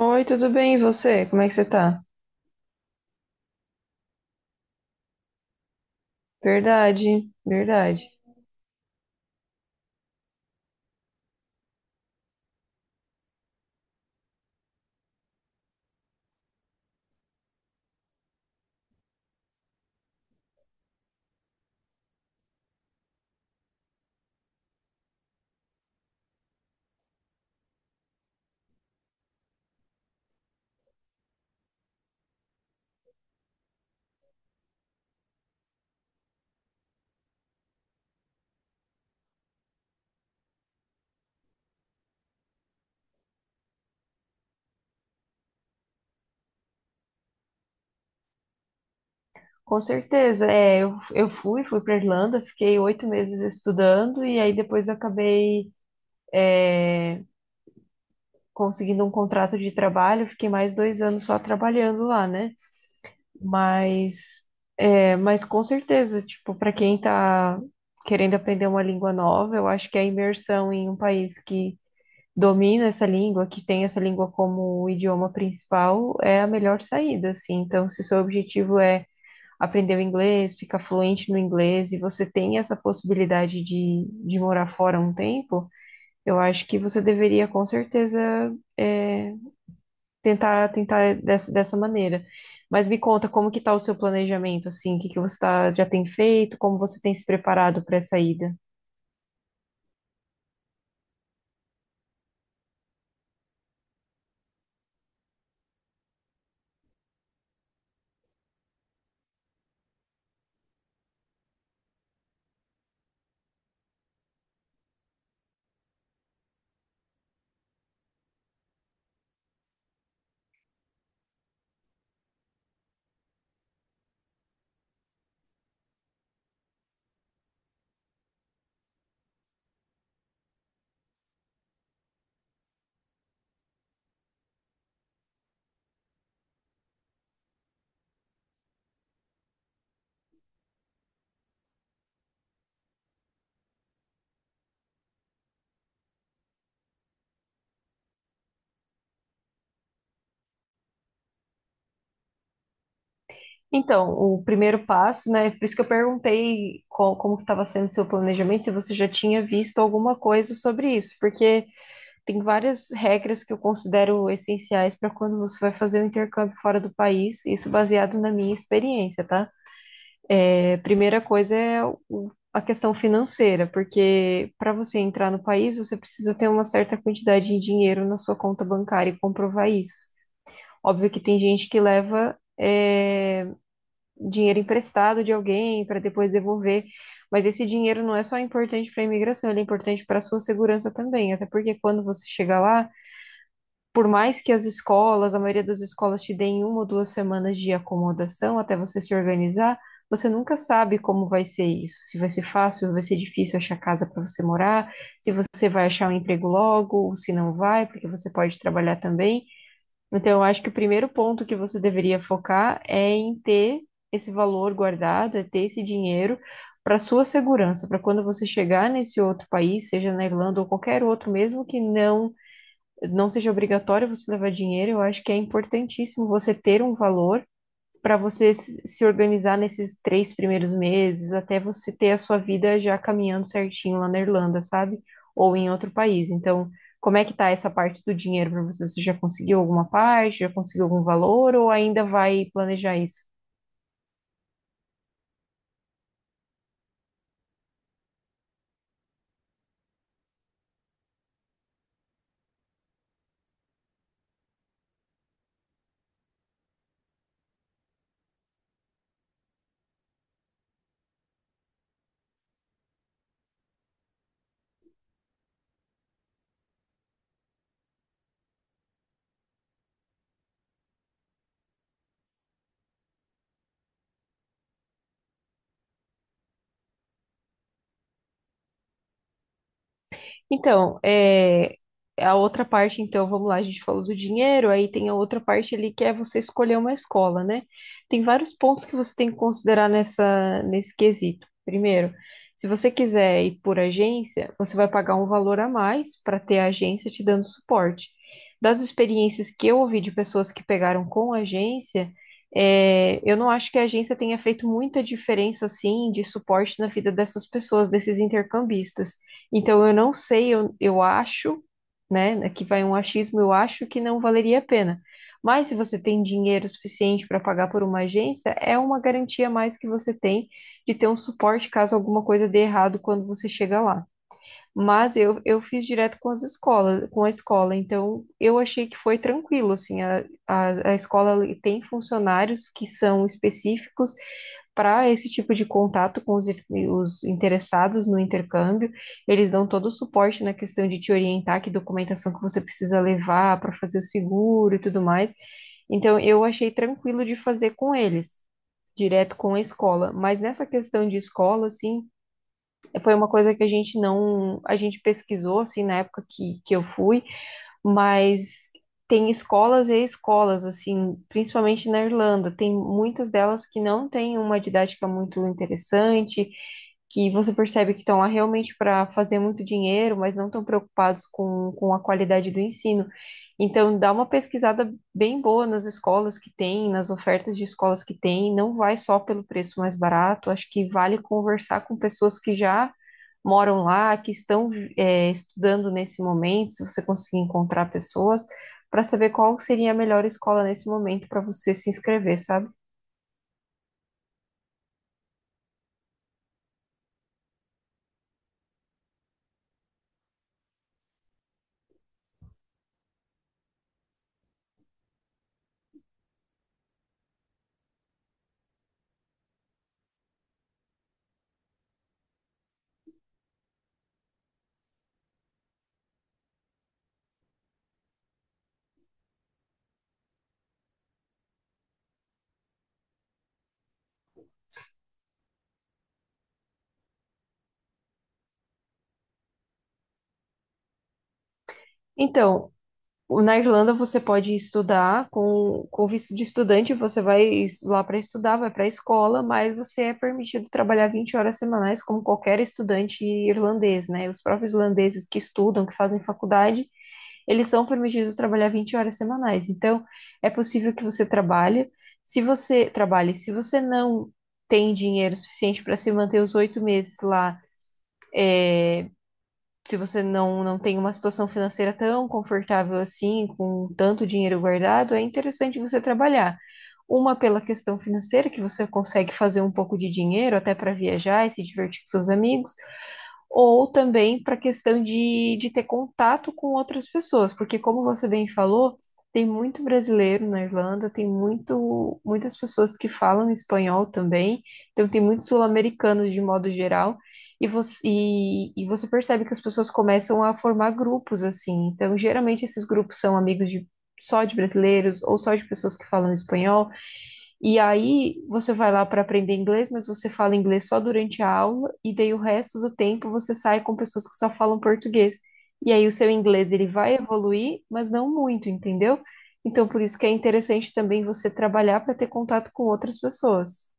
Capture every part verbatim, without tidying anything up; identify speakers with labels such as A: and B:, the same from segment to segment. A: Oi, tudo bem? E você? Como é que você tá? Verdade, verdade. Com certeza. É, eu, eu fui, fui para Irlanda, fiquei oito meses estudando e aí depois acabei conseguindo um contrato de trabalho, fiquei mais dois anos só trabalhando lá, né? Mas, é, mas com certeza, tipo, para quem tá querendo aprender uma língua nova, eu acho que a imersão em um país que domina essa língua, que tem essa língua como o idioma principal, é a melhor saída, assim. Então, se o seu objetivo é aprender o inglês, ficar fluente no inglês, e você tem essa possibilidade de, de morar fora um tempo, eu acho que você deveria, com certeza, é, tentar, tentar dessa, dessa maneira. Mas me conta, como que está o seu planejamento, assim? O que que você tá, já tem feito? Como você tem se preparado para essa ida? Então, o primeiro passo, né? Por isso que eu perguntei qual- como que estava sendo o seu planejamento, se você já tinha visto alguma coisa sobre isso, porque tem várias regras que eu considero essenciais para quando você vai fazer um intercâmbio fora do país, isso baseado na minha experiência, tá? É, primeira coisa é o- a questão financeira, porque para você entrar no país, você precisa ter uma certa quantidade de dinheiro na sua conta bancária e comprovar isso. Óbvio que tem gente que leva. É, dinheiro emprestado de alguém para depois devolver. Mas esse dinheiro não é só importante para a imigração, ele é importante para a sua segurança também. Até porque quando você chega lá, por mais que as escolas, a maioria das escolas te deem uma ou duas semanas de acomodação até você se organizar, você nunca sabe como vai ser isso. Se vai ser fácil, vai ser difícil achar casa para você morar, se você vai achar um emprego logo, ou se não vai, porque você pode trabalhar também. Então, eu acho que o primeiro ponto que você deveria focar é em ter esse valor guardado, é ter esse dinheiro para sua segurança, para quando você chegar nesse outro país, seja na Irlanda ou qualquer outro, mesmo que não não seja obrigatório você levar dinheiro, eu acho que é importantíssimo você ter um valor para você se se organizar nesses três primeiros meses, até você ter a sua vida já caminhando certinho lá na Irlanda, sabe? Ou em outro país. Então, como é que tá essa parte do dinheiro para você? Você já conseguiu alguma parte? Já conseguiu algum valor? Ou ainda vai planejar isso? Então, é, a outra parte, então, vamos lá, a gente falou do dinheiro, aí tem a outra parte ali que é você escolher uma escola, né? Tem vários pontos que você tem que considerar nessa, nesse quesito. Primeiro, se você quiser ir por agência, você vai pagar um valor a mais para ter a agência te dando suporte. Das experiências que eu ouvi de pessoas que pegaram com agência, é, eu não acho que a agência tenha feito muita diferença, assim, de suporte na vida dessas pessoas, desses intercambistas. Então, eu não sei, eu, eu acho, né? Aqui vai um achismo, eu acho que não valeria a pena. Mas se você tem dinheiro suficiente para pagar por uma agência, é uma garantia a mais que você tem de ter um suporte caso alguma coisa dê errado quando você chega lá. Mas eu, eu fiz direto com as escolas, com a escola, então eu achei que foi tranquilo, assim, a, a, a escola tem funcionários que são específicos para esse tipo de contato com os, os interessados no intercâmbio. Eles dão todo o suporte na questão de te orientar que documentação que você precisa levar para fazer o seguro e tudo mais. Então, eu achei tranquilo de fazer com eles, direto com a escola. Mas nessa questão de escola, assim, foi uma coisa que a gente não, a gente pesquisou, assim, na época que, que eu fui, mas tem escolas e escolas, assim, principalmente na Irlanda, tem muitas delas que não têm uma didática muito interessante, que você percebe que estão lá realmente para fazer muito dinheiro, mas não estão preocupados com, com a qualidade do ensino. Então, dá uma pesquisada bem boa nas escolas que tem, nas ofertas de escolas que tem, não vai só pelo preço mais barato, acho que vale conversar com pessoas que já moram lá, que estão é, estudando nesse momento, se você conseguir encontrar pessoas, para saber qual seria a melhor escola nesse momento para você se inscrever, sabe? Então, o- na Irlanda você pode estudar com, com visto de estudante, você vai es- lá para estudar, vai para a escola, mas você é permitido trabalhar vinte horas semanais como qualquer estudante irlandês, né? Os próprios irlandeses que estudam, que fazem faculdade, eles são permitidos trabalhar vinte horas semanais. Então, é possível que você trabalhe. Se você trabalhe, se você não tem dinheiro suficiente para se manter os oito meses lá, se você não, não tem uma situação financeira tão confortável assim, com tanto dinheiro guardado, é interessante você trabalhar. Uma pela questão financeira, que você consegue fazer um pouco de dinheiro até para viajar e se divertir com seus amigos ou também para a questão de, de ter contato com outras pessoas, porque como você bem falou, tem muito brasileiro na Irlanda, tem muito, muitas pessoas que falam espanhol também, então tem muitos sul-americanos de modo geral, e você, e, e você percebe que as pessoas começam a formar grupos assim, então geralmente esses grupos são amigos de só de brasileiros ou só de pessoas que falam espanhol, e aí você vai lá para aprender inglês, mas você fala inglês só durante a aula, e daí o resto do tempo você sai com pessoas que só falam português. E aí o seu inglês ele vai evoluir, mas não muito, entendeu? Então por isso que é interessante também você trabalhar para ter contato com outras pessoas.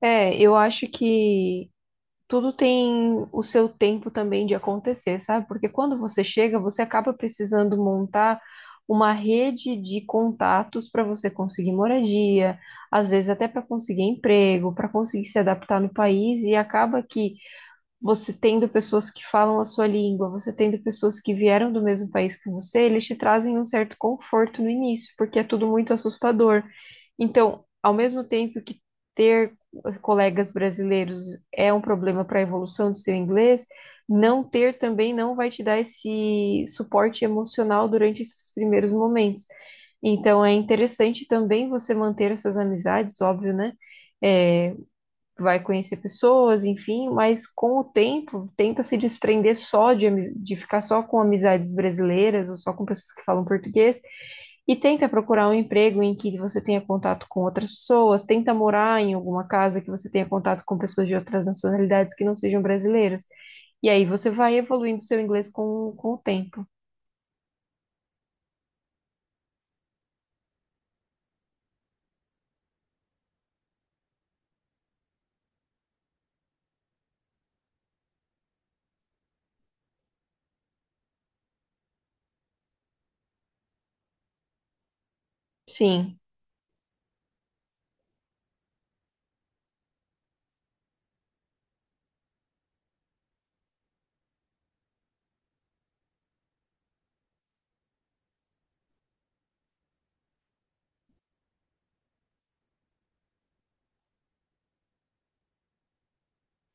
A: É, eu acho que tudo tem o seu tempo também de acontecer, sabe? Porque quando você chega, você acaba precisando montar uma rede de contatos para você conseguir moradia, às vezes até para conseguir emprego, para conseguir se adaptar no país, e acaba que você tendo pessoas que falam a sua língua, você tendo pessoas que vieram do mesmo país que você, eles te trazem um certo conforto no início, porque é tudo muito assustador. Então, ao mesmo tempo que ter colegas brasileiros é um problema para a evolução do seu inglês, não ter também não vai te dar esse suporte emocional durante esses primeiros momentos. Então, é interessante também você manter essas amizades, óbvio, né? É, vai conhecer pessoas, enfim, mas com o tempo tenta se desprender só de, ami- de ficar só com amizades brasileiras ou só com pessoas que falam português e tenta procurar um emprego em que você tenha contato com outras pessoas, tenta morar em alguma casa que você tenha contato com pessoas de outras nacionalidades que não sejam brasileiras. E aí você vai evoluindo seu inglês com, com o tempo. Sim.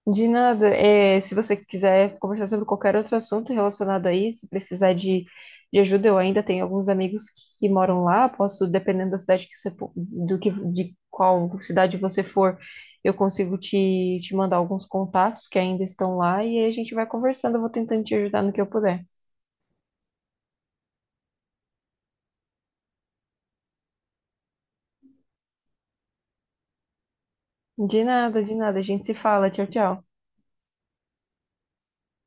A: De nada, é, se você quiser conversar sobre qualquer outro assunto relacionado a isso, precisar de, de ajuda, eu ainda tenho alguns amigos que, que moram lá, posso, dependendo da cidade que você, po- do que, de qual cidade você for, eu consigo te, te mandar alguns contatos que ainda estão lá e aí a gente vai conversando, eu vou tentando te ajudar no que eu puder. De nada, de nada, a gente se fala, tchau, tchau.